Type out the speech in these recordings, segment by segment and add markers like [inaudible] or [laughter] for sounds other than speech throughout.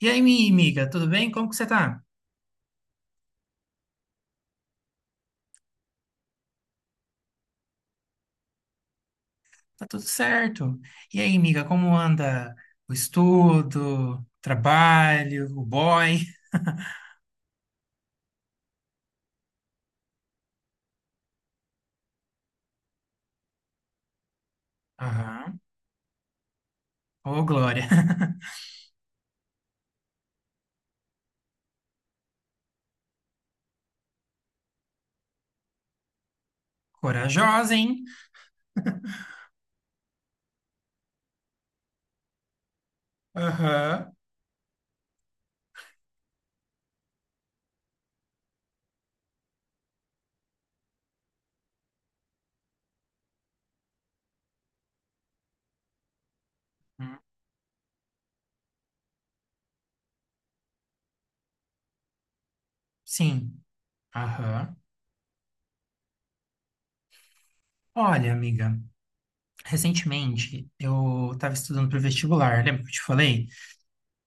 E aí, minha amiga, tudo bem? Como que você tá? Tá tudo certo. E aí, amiga, como anda o estudo, trabalho, o boy? Aham. Ô, Glória. [laughs] Corajosa, hein? Aham. Hum. Sim. Aham. Olha, amiga, recentemente eu estava estudando para o vestibular, lembra que eu te falei?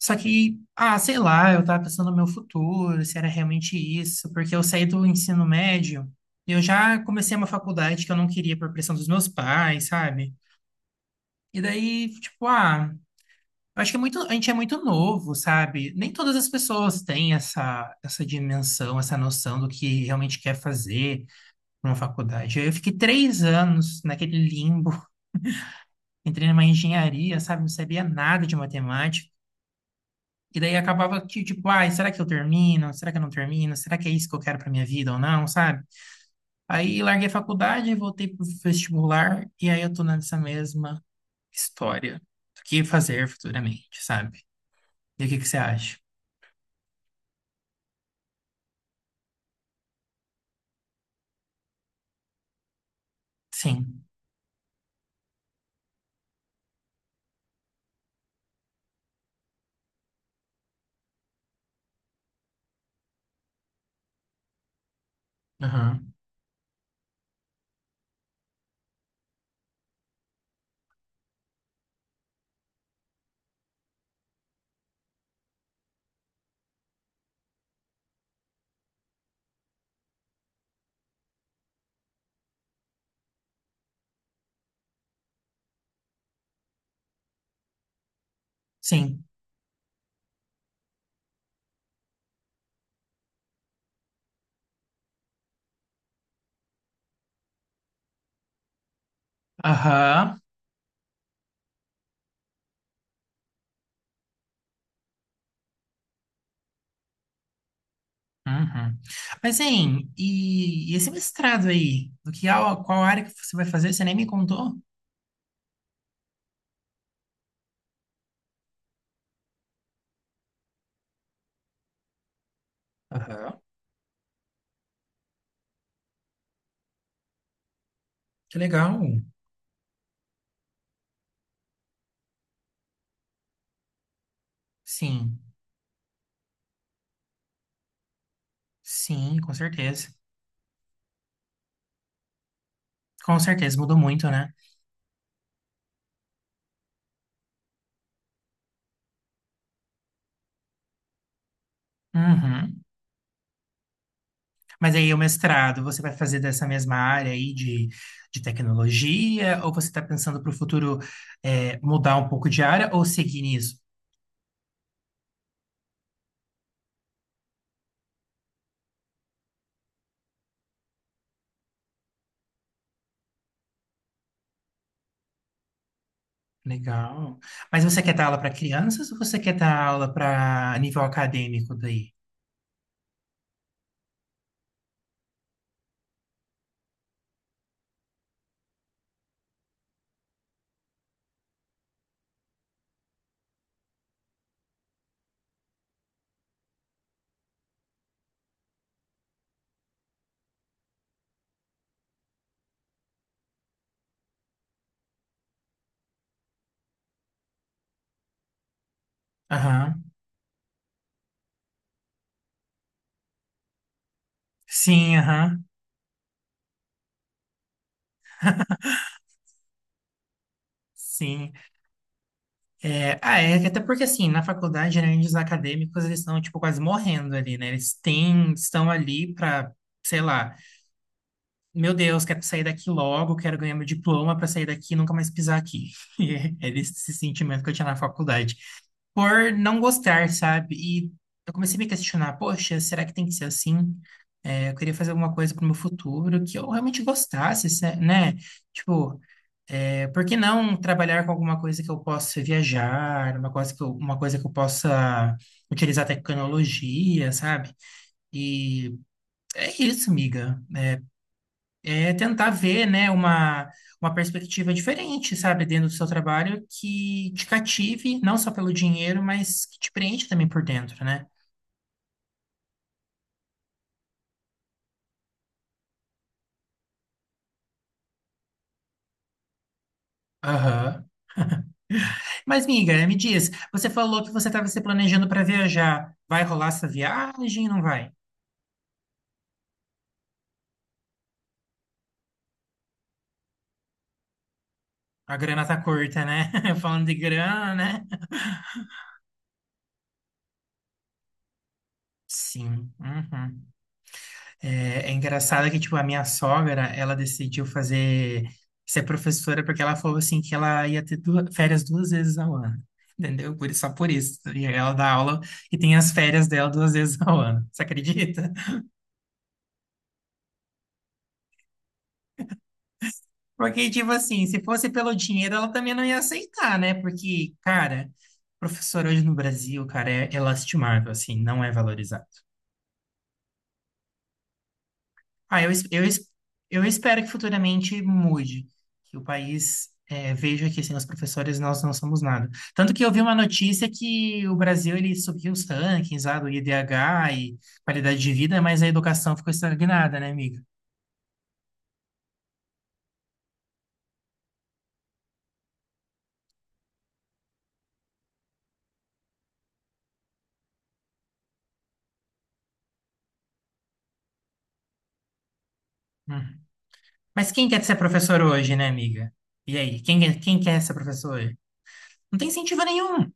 Só que, ah, sei lá, eu tava pensando no meu futuro, se era realmente isso, porque eu saí do ensino médio e eu já comecei uma faculdade que eu não queria por pressão dos meus pais, sabe? E daí, tipo, ah, eu acho que é muito, a gente é muito novo, sabe? Nem todas as pessoas têm essa dimensão, essa noção do que realmente quer fazer numa faculdade. Eu fiquei três anos naquele limbo, [laughs] entrei numa engenharia, sabe? Não sabia nada de matemática. E daí acabava que, tipo, ai, será que eu termino? Será que eu não termino? Será que é isso que eu quero pra minha vida ou não, sabe? Aí larguei a faculdade, voltei pro vestibular e aí eu tô nessa mesma história do que fazer futuramente, sabe? E o que que você acha? Sim. Aham. Sim. Aham. Uhum. Mas, hein, e esse mestrado aí? Do que, ao- qual área que você vai fazer? Você nem me contou? Aham. Que legal. Sim. Sim, com certeza. Com certeza, mudou muito, né? Uhum. Mas aí o mestrado, você vai fazer dessa mesma área aí de tecnologia, ou você está pensando para o futuro é, mudar um pouco de área ou seguir nisso? Legal. Mas você quer dar aula para crianças ou você quer dar aula para nível acadêmico daí? Aham. Sim, aham. [laughs] Sim. É, ah, é, até porque assim, na faculdade, né, os acadêmicos, eles estão, tipo, quase morrendo ali, né? Eles têm, estão ali para, sei lá, Meu Deus, quero sair daqui logo, quero ganhar meu diploma para sair daqui e nunca mais pisar aqui. [laughs] E era esse sentimento que eu tinha na faculdade. Por não gostar, sabe? E eu comecei a me questionar, poxa, será que tem que ser assim? É, eu queria fazer alguma coisa para o meu futuro que eu realmente gostasse, se- né? Tipo, é, por que não trabalhar com alguma coisa que eu possa viajar, uma coisa que eu possa utilizar tecnologia, sabe? E é isso, amiga, é tentar ver, né, uma perspectiva diferente, sabe, dentro do seu trabalho que te cative, não só pelo dinheiro, mas que te preenche também por dentro, né? Aham. Mas, miga, me diz, você falou que você estava se planejando para viajar. Vai rolar essa viagem? Não vai? A grana tá curta, né? [laughs] Falando de grana, né? Sim. Uhum. É, é engraçado que, tipo, a minha sogra, ela decidiu fazer, ser professora porque ela falou, assim, que ela ia ter duas, férias duas vezes ao ano, entendeu? Por, só por isso. E aí ela dá aula e tem as férias dela duas vezes ao ano, você acredita? Porque, tipo assim, se fosse pelo dinheiro, ela também não ia aceitar, né? Porque, cara, professor hoje no Brasil, cara, é, é lastimável, assim, não é valorizado. Ah, eu, es- eu, es- eu espero que futuramente mude, que o país eh, veja que sem os professores nós não somos nada. Tanto que eu vi uma notícia que o Brasil ele subiu os rankings lá do IDH e qualidade de vida, mas a educação ficou estagnada, né, amiga? Hum. Mas quem quer ser professor hoje, né, amiga? E aí, quem, é- quem quer ser professor hoje? Não tem incentivo nenhum.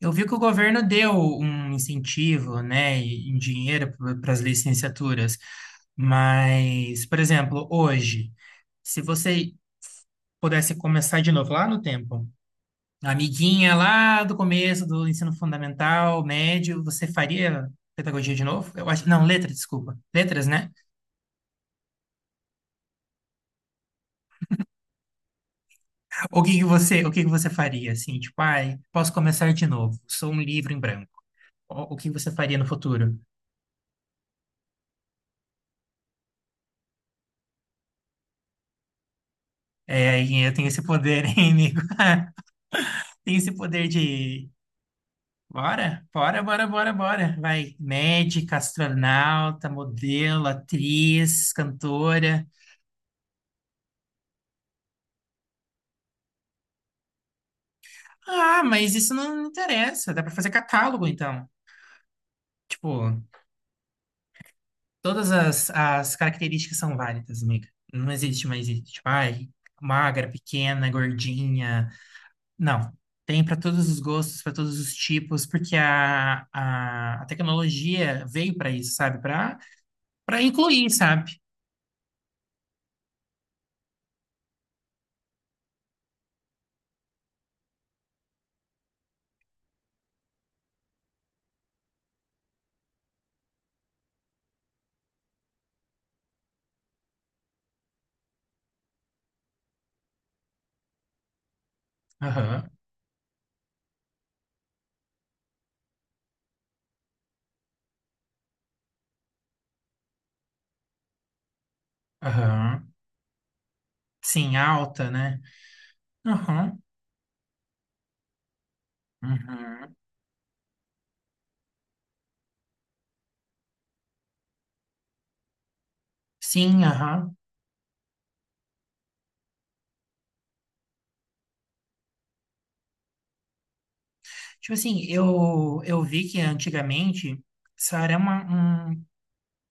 Eu vi que o governo deu um incentivo, né, em dinheiro para as licenciaturas. Mas, por exemplo, hoje, se você pudesse começar de novo lá no tempo, a amiguinha lá do começo do ensino fundamental, médio, você faria pedagogia de novo? Eu acho, não, letra, desculpa. Letras, né? O que que você, o que que você faria assim, tipo, ai, posso começar de novo. Sou um livro em branco. O que você faria no futuro? É, aí eu tenho esse poder, hein, amigo? [laughs] Tenho esse poder de bora, bora, bora, bora, bora. Vai, médica, astronauta, modelo, atriz, cantora. Ah, mas isso não interessa. Dá pra fazer catálogo, então. Tipo, todas as, as características são válidas, amiga. Não existe mais isso. Tipo, ai, magra, pequena, gordinha. Não. Tem para todos os gostos, para todos os tipos, porque a tecnologia veio para isso, sabe? Para incluir, sabe? Aham, aham. Sim, alta, né? Aham, uhum. Sim, aham. Tipo assim, eu vi que antigamente isso era uma, um,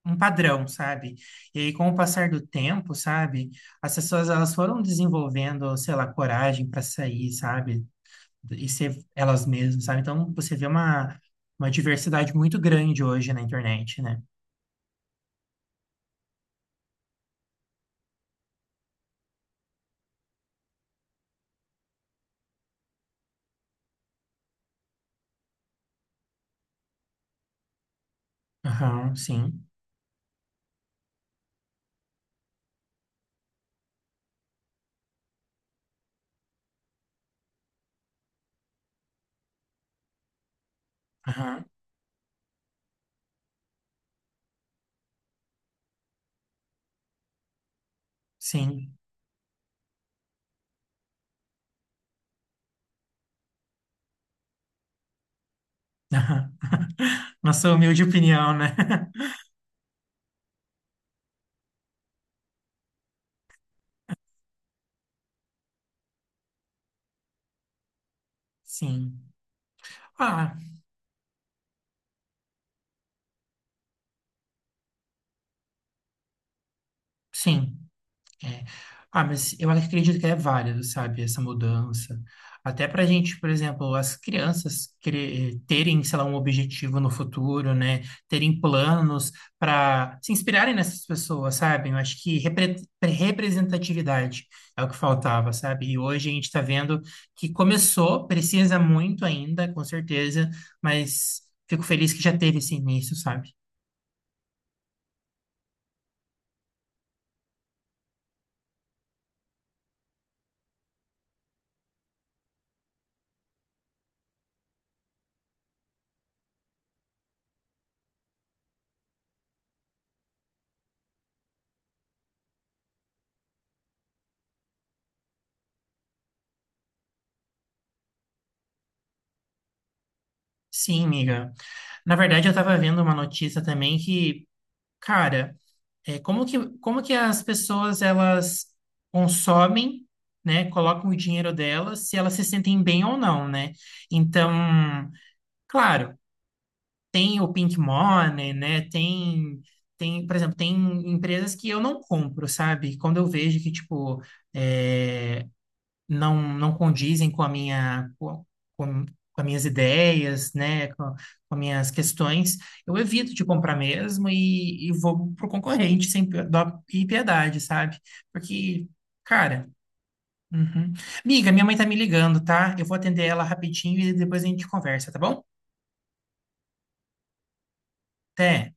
um padrão, sabe? E aí, com o passar do tempo, sabe? As pessoas elas foram desenvolvendo, sei lá, coragem para sair, sabe? E ser elas mesmas, sabe? Então, você vê uma diversidade muito grande hoje na internet, né? Aham, sim. Aham, sim. Aham. [laughs] Nossa humilde opinião, né? [laughs] Sim. Ah, sim. É. Ah, mas eu acredito que é válido, sabe, essa mudança. Até para a gente, por exemplo, as crianças cre- terem, sei lá, um objetivo no futuro, né? Terem planos para se inspirarem nessas pessoas, sabe? Eu acho que repre- representatividade é o que faltava, sabe? E hoje a gente está vendo que começou, precisa muito ainda, com certeza, mas fico feliz que já teve esse início, sabe? Sim, amiga. Na verdade, eu estava vendo uma notícia também que. Cara, é, como que as pessoas elas consomem, né, colocam o dinheiro delas, se elas se sentem bem ou não, né? Então, claro, tem o Pink Money, né? Tem, tem, por exemplo, tem empresas que eu não compro, sabe? Quando eu vejo que, tipo, é, não condizem com a minha com, com as minhas ideias, né, com as minhas questões, eu evito de comprar mesmo e vou pro concorrente sem pi- dó e piedade, sabe? Porque, cara, uhum. Miga, minha mãe tá me ligando, tá? Eu vou atender ela rapidinho e depois a gente conversa, tá bom? Até.